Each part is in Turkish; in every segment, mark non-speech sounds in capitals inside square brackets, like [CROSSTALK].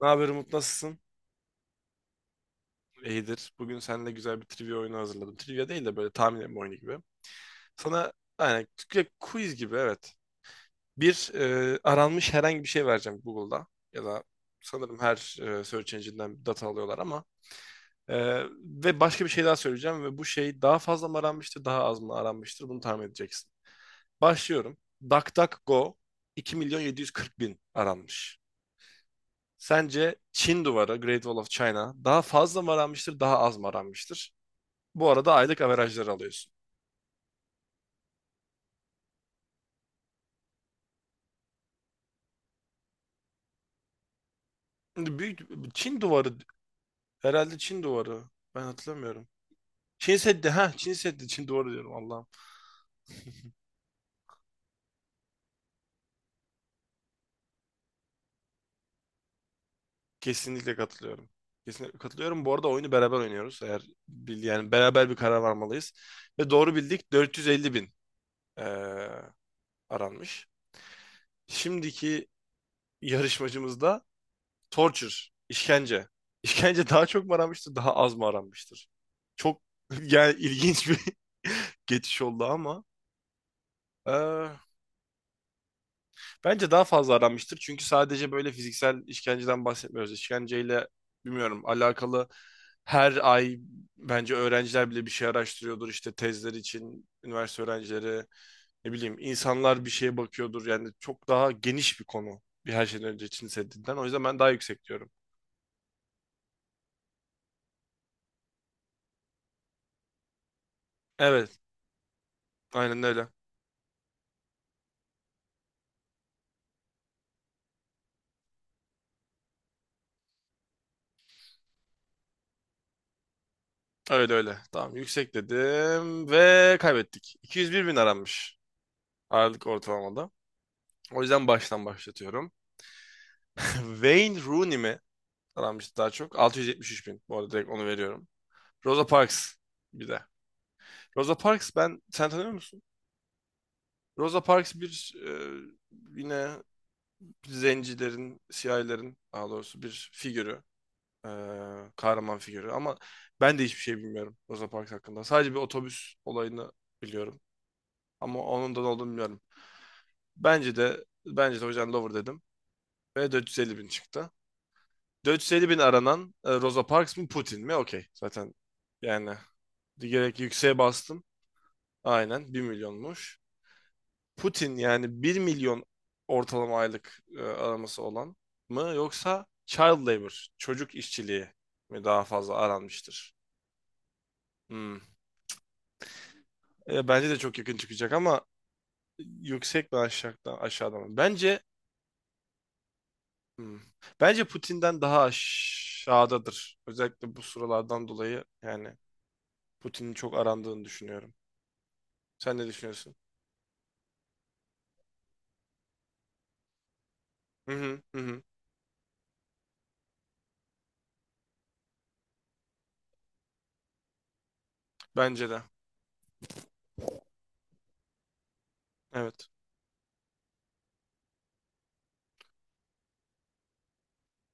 Ne haber Umut, nasılsın? İyidir. Bugün seninle güzel bir trivia oyunu hazırladım. Trivia değil de böyle tahmin etme oyunu gibi. Sana aynen quiz gibi, evet. Bir aranmış herhangi bir şey vereceğim Google'da. Ya da sanırım her search engine'den data alıyorlar ama. E, ve başka bir şey daha söyleyeceğim ve bu şey daha fazla mı aranmıştır, daha az mı aranmıştır, bunu tahmin edeceksin. Başlıyorum. DuckDuckGo 2 milyon 740 bin aranmış. Sence Çin duvarı, Great Wall of China, daha fazla mı aranmıştır, daha az mı aranmıştır? Bu arada aylık averajları alıyorsun. Şimdi büyük Çin duvarı, herhalde Çin duvarı. Ben hatırlamıyorum. Çin Seddi, ha, Çin Seddi. Çin duvarı diyorum, Allah'ım. Kesinlikle katılıyorum. Kesinlikle katılıyorum. Bu arada oyunu beraber oynuyoruz. Eğer yani beraber bir karar varmalıyız. Ve doğru bildik, 450 bin eee, aranmış. Şimdiki yarışmacımızda Torture, işkence. İşkence daha çok mu aranmıştır, daha az mı aranmıştır? Çok [LAUGHS] yani ilginç bir [LAUGHS] geçiş oldu ama eee, bence daha fazla aranmıştır. Çünkü sadece böyle fiziksel işkenceden bahsetmiyoruz. İşkenceyle, bilmiyorum, alakalı her ay bence öğrenciler bile bir şey araştırıyordur işte, tezler için üniversite öğrencileri, ne bileyim, insanlar bir şeye bakıyordur yani çok daha geniş bir konu, bir her şeyden önce için hissettiğinden, o yüzden ben daha yüksek diyorum. Evet, aynen öyle. Öyle öyle. Tamam, yüksek dedim ve kaybettik. 201 bin aranmış aralık ortalamada. O yüzden baştan başlatıyorum. [LAUGHS] Wayne Rooney mi aranmış daha çok? 673 bin. Bu arada direkt onu veriyorum. Rosa Parks bir de. Rosa Parks, sen tanıyor musun? Rosa Parks bir yine zencilerin, siyahilerin, daha doğrusu bir figürü. E, Kahraman figürü ama ben de hiçbir şey bilmiyorum Rosa Parks hakkında. Sadece bir otobüs olayını biliyorum. Ama onun da ne olduğunu bilmiyorum. Bence de o yüzden Lover dedim. Ve 450 bin çıktı. 450 bin aranan Rosa Parks mı, Putin mi? Okey. Zaten yani gerek yükseğe bastım. Aynen bir milyonmuş. Putin yani 1.000.000 ortalama aylık araması olan mı, yoksa child labor, çocuk işçiliği mi daha fazla aranmıştır? Hmm. Bence de çok yakın çıkacak ama yüksek mi, aşağıda, aşağıda mı? Bence Hmm. Bence Putin'den daha aşağıdadır. Özellikle bu sıralardan dolayı yani Putin'in çok arandığını düşünüyorum. Sen ne düşünüyorsun? Hı hı hı, hı. Bence de. Evet.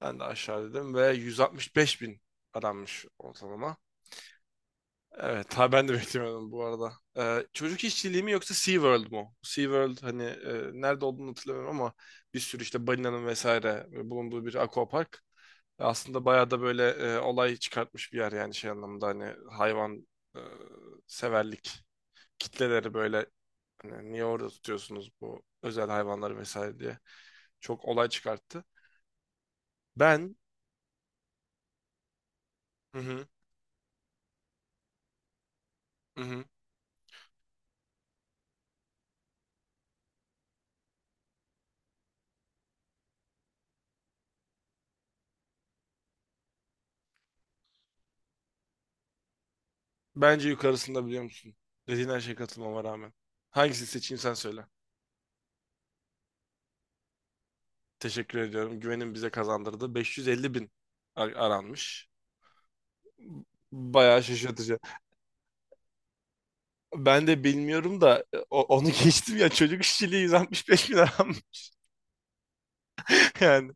Ben de aşağı dedim ve 165 bin aranmış ortalama. Evet, ha, ben de beklemiyordum bu arada. Çocuk işçiliği mi yoksa SeaWorld mu? SeaWorld, hani, nerede olduğunu hatırlamıyorum ama bir sürü işte balinanın vesaire bulunduğu bir aquapark. Aslında bayağı da böyle olay çıkartmış bir yer. Yani şey anlamında, hani hayvan e, severlik kitleleri böyle, hani niye orada tutuyorsunuz bu özel hayvanları vesaire diye çok olay çıkarttı. Ben hı hı, hı hı. Bence yukarısında, biliyor musun? Dediğin her şeye katılmama rağmen. Hangisini seçeyim, sen söyle. Teşekkür ediyorum. Güvenin bize kazandırdı. 550 bin aranmış. Bayağı şaşırtıcı. Ben de bilmiyorum da onu [LAUGHS] geçtim ya, çocuk işçiliği 165 bin aram [LAUGHS] yani.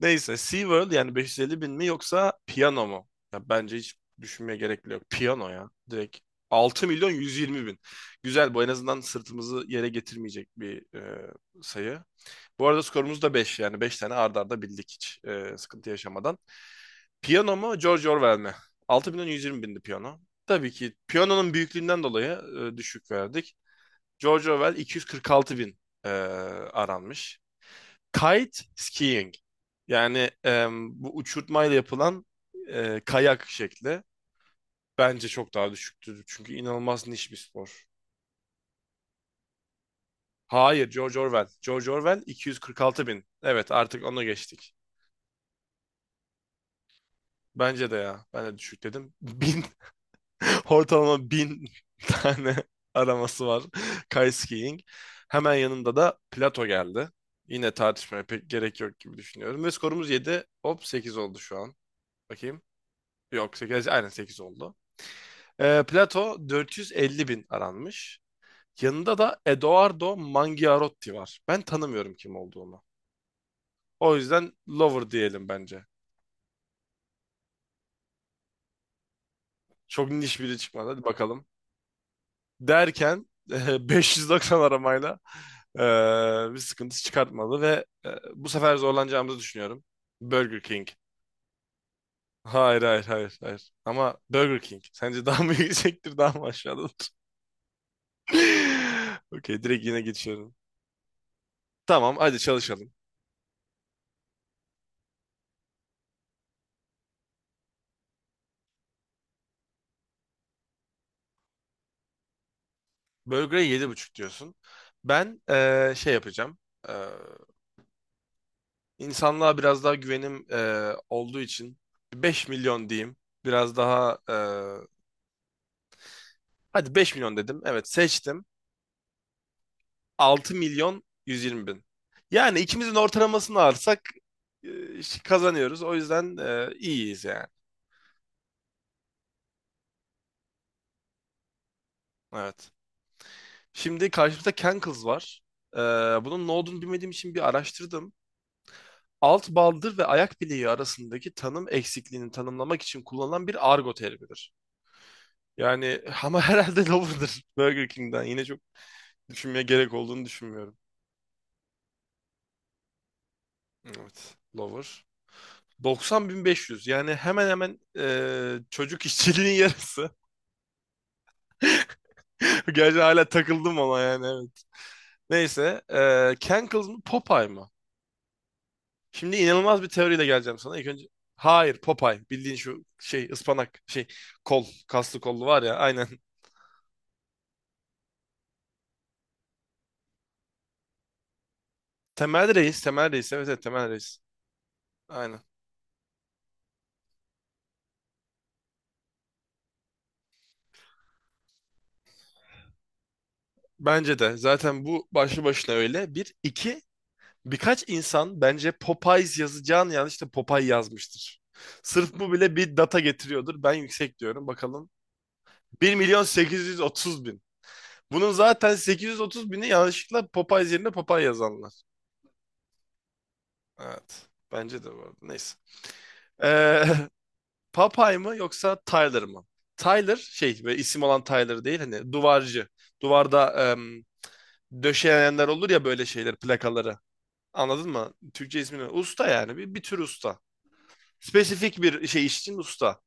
Neyse, SeaWorld yani, 550 bin mi yoksa piyano mu? Ya bence hiç düşünmeye gerek bile yok. Piyano ya direkt 6 milyon 120 bin. Güzel, bu en azından sırtımızı yere getirmeyecek bir sayı. Bu arada skorumuz da beş, yani 5 tane arda arda bildik hiç sıkıntı yaşamadan. Piyano mu, George Orwell mi? 6 120 bindi piyano. Tabii ki piyanonun büyüklüğünden dolayı düşük verdik. George Orwell 246.000 e, aranmış. Kite skiing. Yani bu uçurtmayla yapılan kayak şekli bence çok daha düşüktür. Çünkü inanılmaz niş bir spor. Hayır, George Orwell. George Orwell iki yüz kırk altı bin. Evet, artık onu geçtik. Bence de ya. Ben de düşük dedim. Bin, [LAUGHS] ortalama bin [LAUGHS] tane araması var [LAUGHS] Kite skiing. Hemen yanında da Plato geldi. Yine tartışmaya pek gerek yok gibi düşünüyorum. Ve skorumuz 7. Hop, 8 oldu şu an. Bakayım. Yok, sekiz. Aynen, 8 oldu. Plato 450 bin aranmış. Yanında da Edoardo Mangiarotti var. Ben tanımıyorum kim olduğunu. O yüzden lover diyelim bence. Çok niş biri çıkmadı. Hadi bakalım, derken [LAUGHS] 590 aramayla e, bir sıkıntı çıkartmadı ve bu sefer zorlanacağımızı düşünüyorum. Burger King. Hayır hayır hayır hayır. Ama Burger King. Sence daha mı [LAUGHS] yüksektir, daha mı aşağıdadır? [LAUGHS] Okey, direkt yine geçiyorum. Tamam, hadi çalışalım. Burger'e 7,5 diyorsun. Ben şey yapacağım. E, insanlığa biraz daha güvenim olduğu için 5 milyon diyeyim. Biraz daha hadi 5 milyon dedim. Evet, seçtim. 6.120.000. Yani ikimizin ortalamasını alırsak e, işte kazanıyoruz. O yüzden iyiyiz yani. Evet. Şimdi karşımızda Cankles var. E, Bunun ne olduğunu bilmediğim için bir araştırdım. Alt baldır ve ayak bileği arasındaki tanım eksikliğini tanımlamak için kullanılan bir argo terimidir. Yani ama [LAUGHS] herhalde lover'dır, Burger King'den. Yine çok düşünmeye gerek olduğunu düşünmüyorum. Evet. Lover. Yüz, yani hemen hemen çocuk işçiliğinin [LAUGHS] yarısı. [LAUGHS] Gerçi hala takıldım ona, yani evet. Neyse. Cankles mı, Popeye mı? Şimdi inanılmaz bir teoriyle geleceğim sana. İlk önce, hayır, Popeye. Bildiğin şu şey, ıspanak şey, kol kaslı kollu var ya, aynen. Temel Reis. Temel Reis. Evet, evet, Temel Reis. Aynen. Bence de. Zaten bu başlı başına öyle. Bir, iki. Birkaç insan bence Popeyes yazacağını yanlış da Popeye yazmıştır. Sırf bu bile bir data getiriyordur. Ben yüksek diyorum. Bakalım, 1.830.000. Bunun zaten 830 bini yanlışlıkla Popeyes yerine Popeye yazanlar. Evet. Bence de, bu arada. Neyse. Ee, [LAUGHS] Popeye mı yoksa Tyler mı? Tyler, şey böyle isim olan Tyler değil, hani duvarcı. Duvarda döşeyenler olur ya böyle şeyler, plakaları. Anladın mı Türkçe ismini? Usta yani, bir tür usta. Spesifik bir şey iş için usta.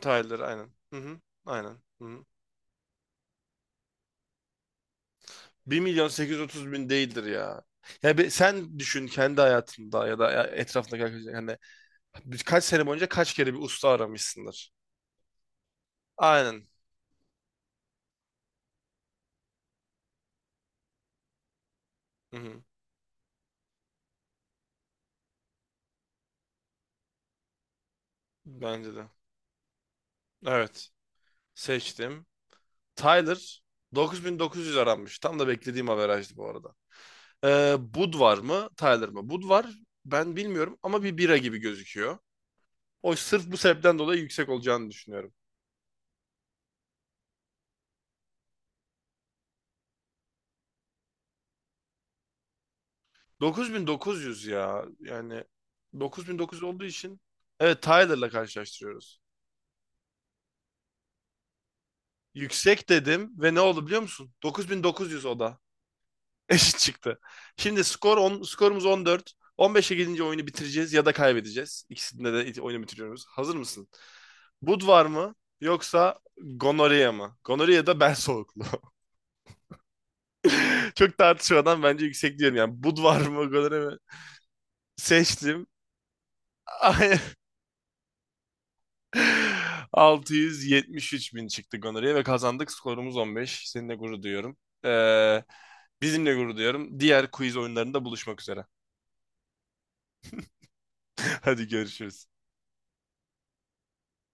Tyler, aynen. Hı hı. Aynen. Hı hı. 1.830.000 değildir ya. Ya sen düşün kendi hayatında, ya da ya etrafındaki arkadaşlar. Yani kaç sene boyunca kaç kere bir usta aramışsındır. Aynen. Hı-hı. Bence de. Evet. Seçtim. Tyler dokuz bin dokuz yüz aranmış. Tam da beklediğim averajdı bu arada. Bud var mı? Tyler mı? Bud var. Ben bilmiyorum ama bir bira gibi gözüküyor. O sırf bu sebepten dolayı yüksek olacağını düşünüyorum. 9900 ya. Yani 9900 olduğu için, evet, Tyler'la karşılaştırıyoruz. Yüksek dedim ve ne oldu biliyor musun? 9900 o da. [LAUGHS] Eşit çıktı. Şimdi skor on, skorumuz 14. 15'e gidince oyunu bitireceğiz ya da kaybedeceğiz. İkisinde de oyunu bitiriyoruz. Hazır mısın? Bud var mı yoksa gonorya mı? Gonorya da ben soğuklu. [LAUGHS] Çok tartışmadan bence yüksek diyorum yani. Bud var mı, gonorya mı? Seçtim. [LAUGHS] 673 bin çıktık honoraya ve kazandık. Skorumuz 15. Seninle gurur duyuyorum. Ee, Bizimle gurur duyuyorum. Diğer quiz oyunlarında buluşmak üzere. [LAUGHS] Hadi görüşürüz.